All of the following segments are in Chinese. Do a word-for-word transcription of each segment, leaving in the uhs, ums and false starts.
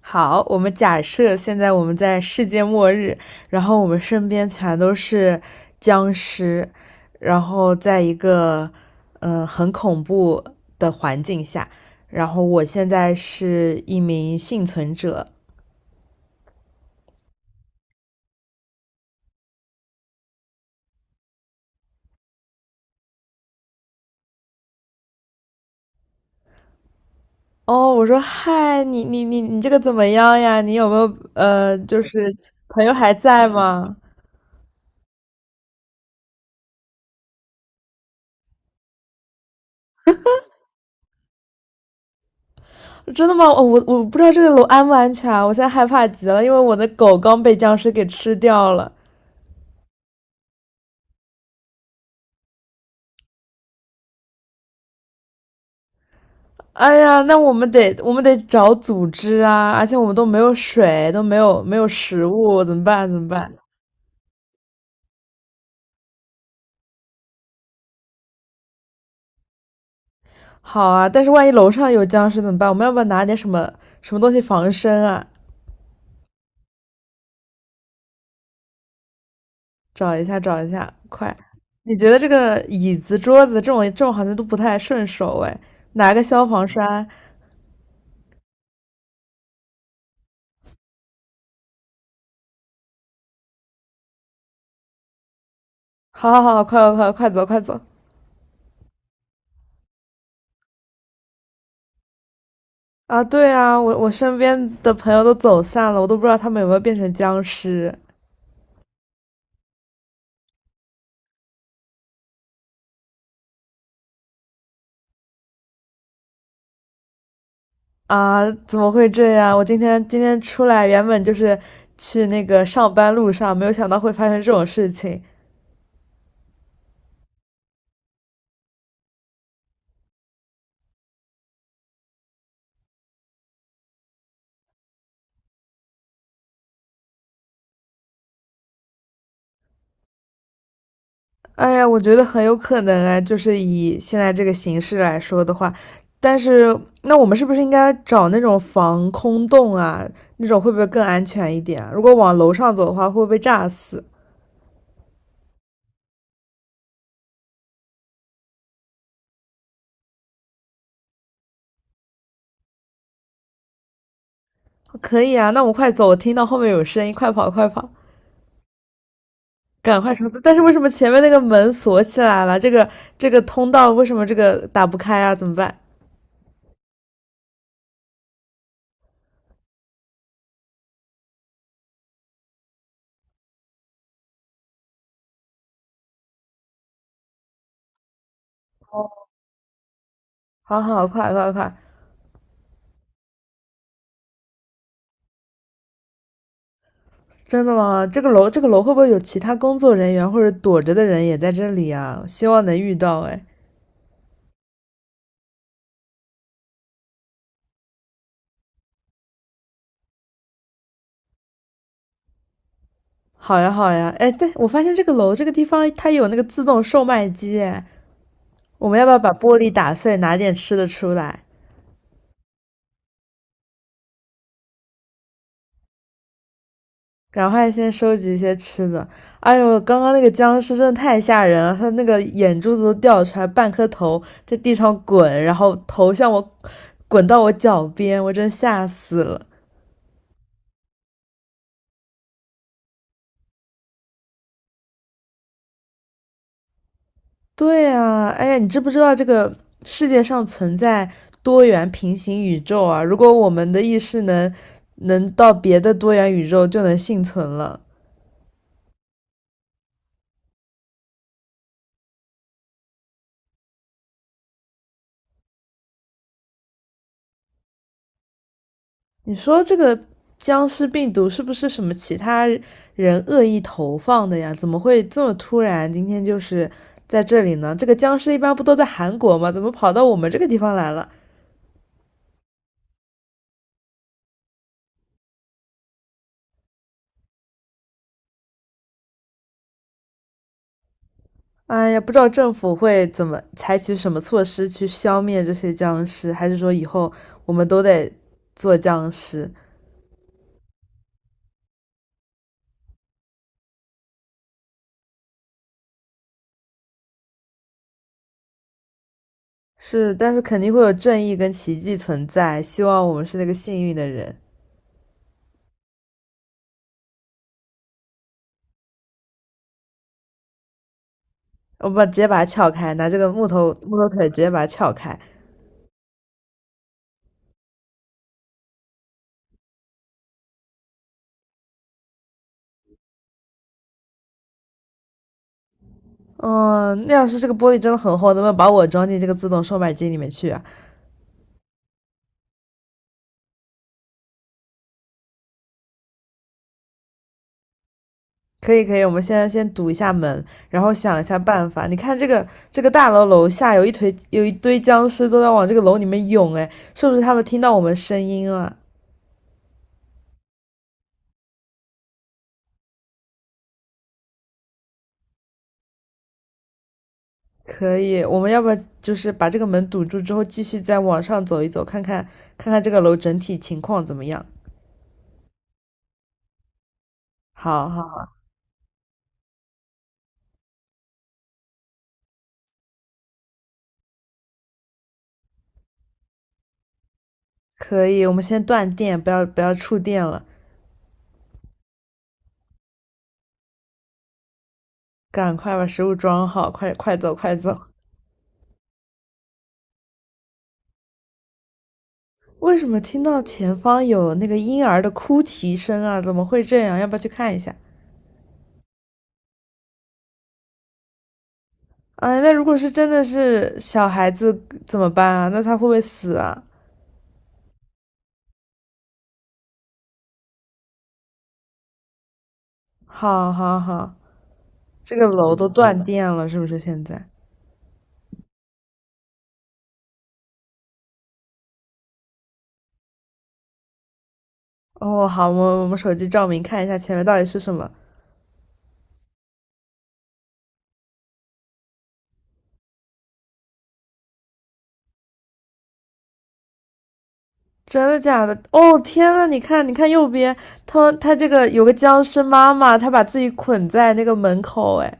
好，我们假设现在我们在世界末日，然后我们身边全都是僵尸，然后在一个呃很恐怖的环境下，然后我现在是一名幸存者。哦，我说嗨，你你你你这个怎么样呀？你有没有呃，就是朋友还在吗？真的吗？哦，我我不知道这个楼安不安全啊，我现在害怕极了，因为我的狗刚被僵尸给吃掉了。哎呀，那我们得我们得找组织啊，而且我们都没有水，都没有没有食物，怎么办？怎么办？好啊，但是万一楼上有僵尸怎么办？我们要不要拿点什么什么东西防身啊？找一下，找一下，快！你觉得这个椅子、桌子这种这种好像都不太顺手哎，拿个消防栓。好好好，快快快快走，快走！啊，对啊，我我身边的朋友都走散了，我都不知道他们有没有变成僵尸。啊，怎么会这样？我今天今天出来原本就是去那个上班路上，没有想到会发生这种事情。哎呀，我觉得很有可能啊，就是以现在这个形式来说的话，但是那我们是不是应该找那种防空洞啊？那种会不会更安全一点啊如果往楼上走的话，会不会被炸死？可以啊，那我们快走，我听到后面有声音，快跑快跑，赶快冲刺！但是为什么前面那个门锁起来了？这个这个通道为什么这个打不开啊？怎么办？好好，快快快！真的吗？这个楼，这个楼会不会有其他工作人员或者躲着的人也在这里啊？希望能遇到哎。好呀，好呀，哎，对，我发现这个楼这个地方它有那个自动售卖机哎，我们要不要把玻璃打碎，拿点吃的出来？赶快先收集一些吃的。哎呦，刚刚那个僵尸真的太吓人了，他那个眼珠子都掉出来，半颗头在地上滚，然后头向我滚到我脚边，我真吓死了。对啊，哎呀，你知不知道这个世界上存在多元平行宇宙啊？如果我们的意识能能到别的多元宇宙，就能幸存了。你说这个僵尸病毒是不是什么其他人恶意投放的呀？怎么会这么突然？今天就是在这里呢？这个僵尸一般不都在韩国吗？怎么跑到我们这个地方来了？哎呀，不知道政府会怎么采取什么措施去消灭这些僵尸，还是说以后我们都得做僵尸？是，但是肯定会有正义跟奇迹存在。希望我们是那个幸运的人。我把直接把它撬开，拿这个木头木头腿直接把它撬开。嗯，那要是这个玻璃真的很厚，能不能把我装进这个自动售卖机里面去啊？可以可以，我们现在先堵一下门，然后想一下办法。你看这个这个大楼楼下有一堆有一堆僵尸都在往这个楼里面涌，哎，是不是他们听到我们声音了？可以，我们要不要就是把这个门堵住之后，继续再往上走一走，看看看看这个楼整体情况怎么样？好好好，可以，我们先断电，不要不要触电了，赶快把食物装好，快快走快走。为什么听到前方有那个婴儿的哭啼声啊？怎么会这样？要不要去看一下？哎，那如果是真的是小孩子怎么办啊？那他会不会死啊？好，好，好，这个楼都断电了，是不是现在？哦，好，我我们手机照明看一下前面到底是什么。真的假的？哦，天呐，你看，你看右边，他他这个有个僵尸妈妈，她把自己捆在那个门口，哎，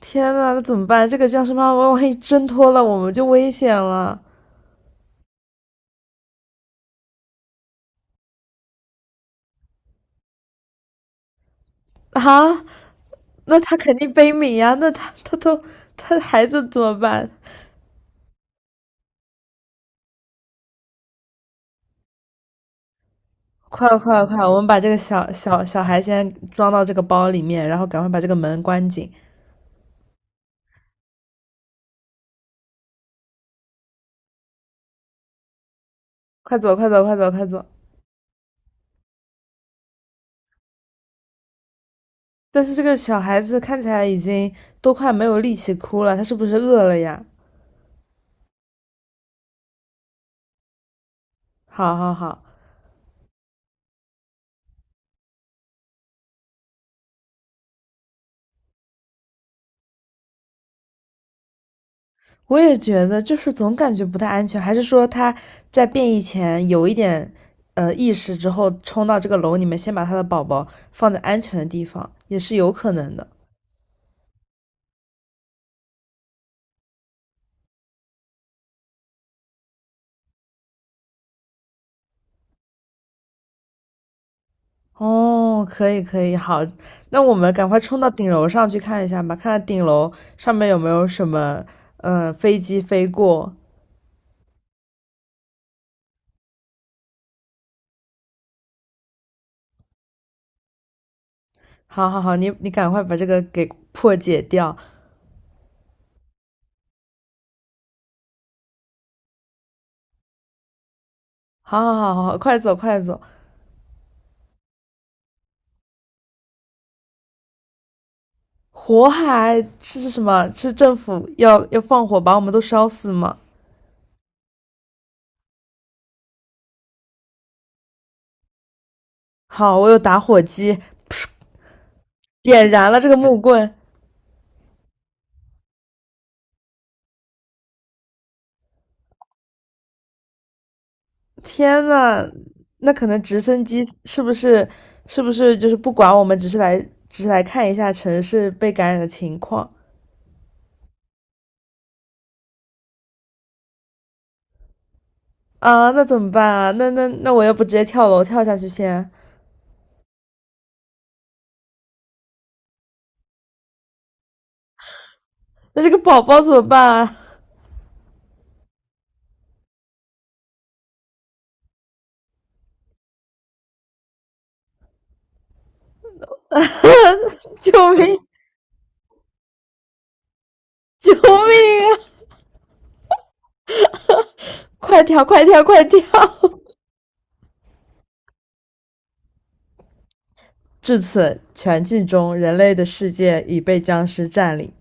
天呐，那怎么办？这个僵尸妈妈万一挣脱了，我们就危险了啊！那她肯定悲悯呀，那她她都她孩子怎么办？快了，快了，快了我们把这个小小小孩先装到这个包里面，然后赶快把这个门关紧。快走，快走，快走，快走！但是这个小孩子看起来已经都快没有力气哭了，他是不是饿了呀？好好好，我也觉得，就是总感觉不太安全，还是说他在变异前有一点呃意识之后，冲到这个楼里面，先把他的宝宝放在安全的地方，也是有可能的。哦，可以可以，好，那我们赶快冲到顶楼上去看一下吧，看看顶楼上面有没有什么呃飞机飞过。好好好，你你赶快把这个给破解掉。好好好好，好快走快走。火海是是什么？是政府要要放火把我们都烧死吗？好，我有打火机，点燃了这个木棍。天呐，那可能直升机是不是是不是就是不管我们，只是来只是来看一下城市被感染的情况啊？那怎么办啊？那那那我要不直接跳楼跳下去先？那这个宝宝怎么办啊？救命！救命啊！快跳！快跳！快跳！至此，全剧终，人类的世界已被僵尸占领。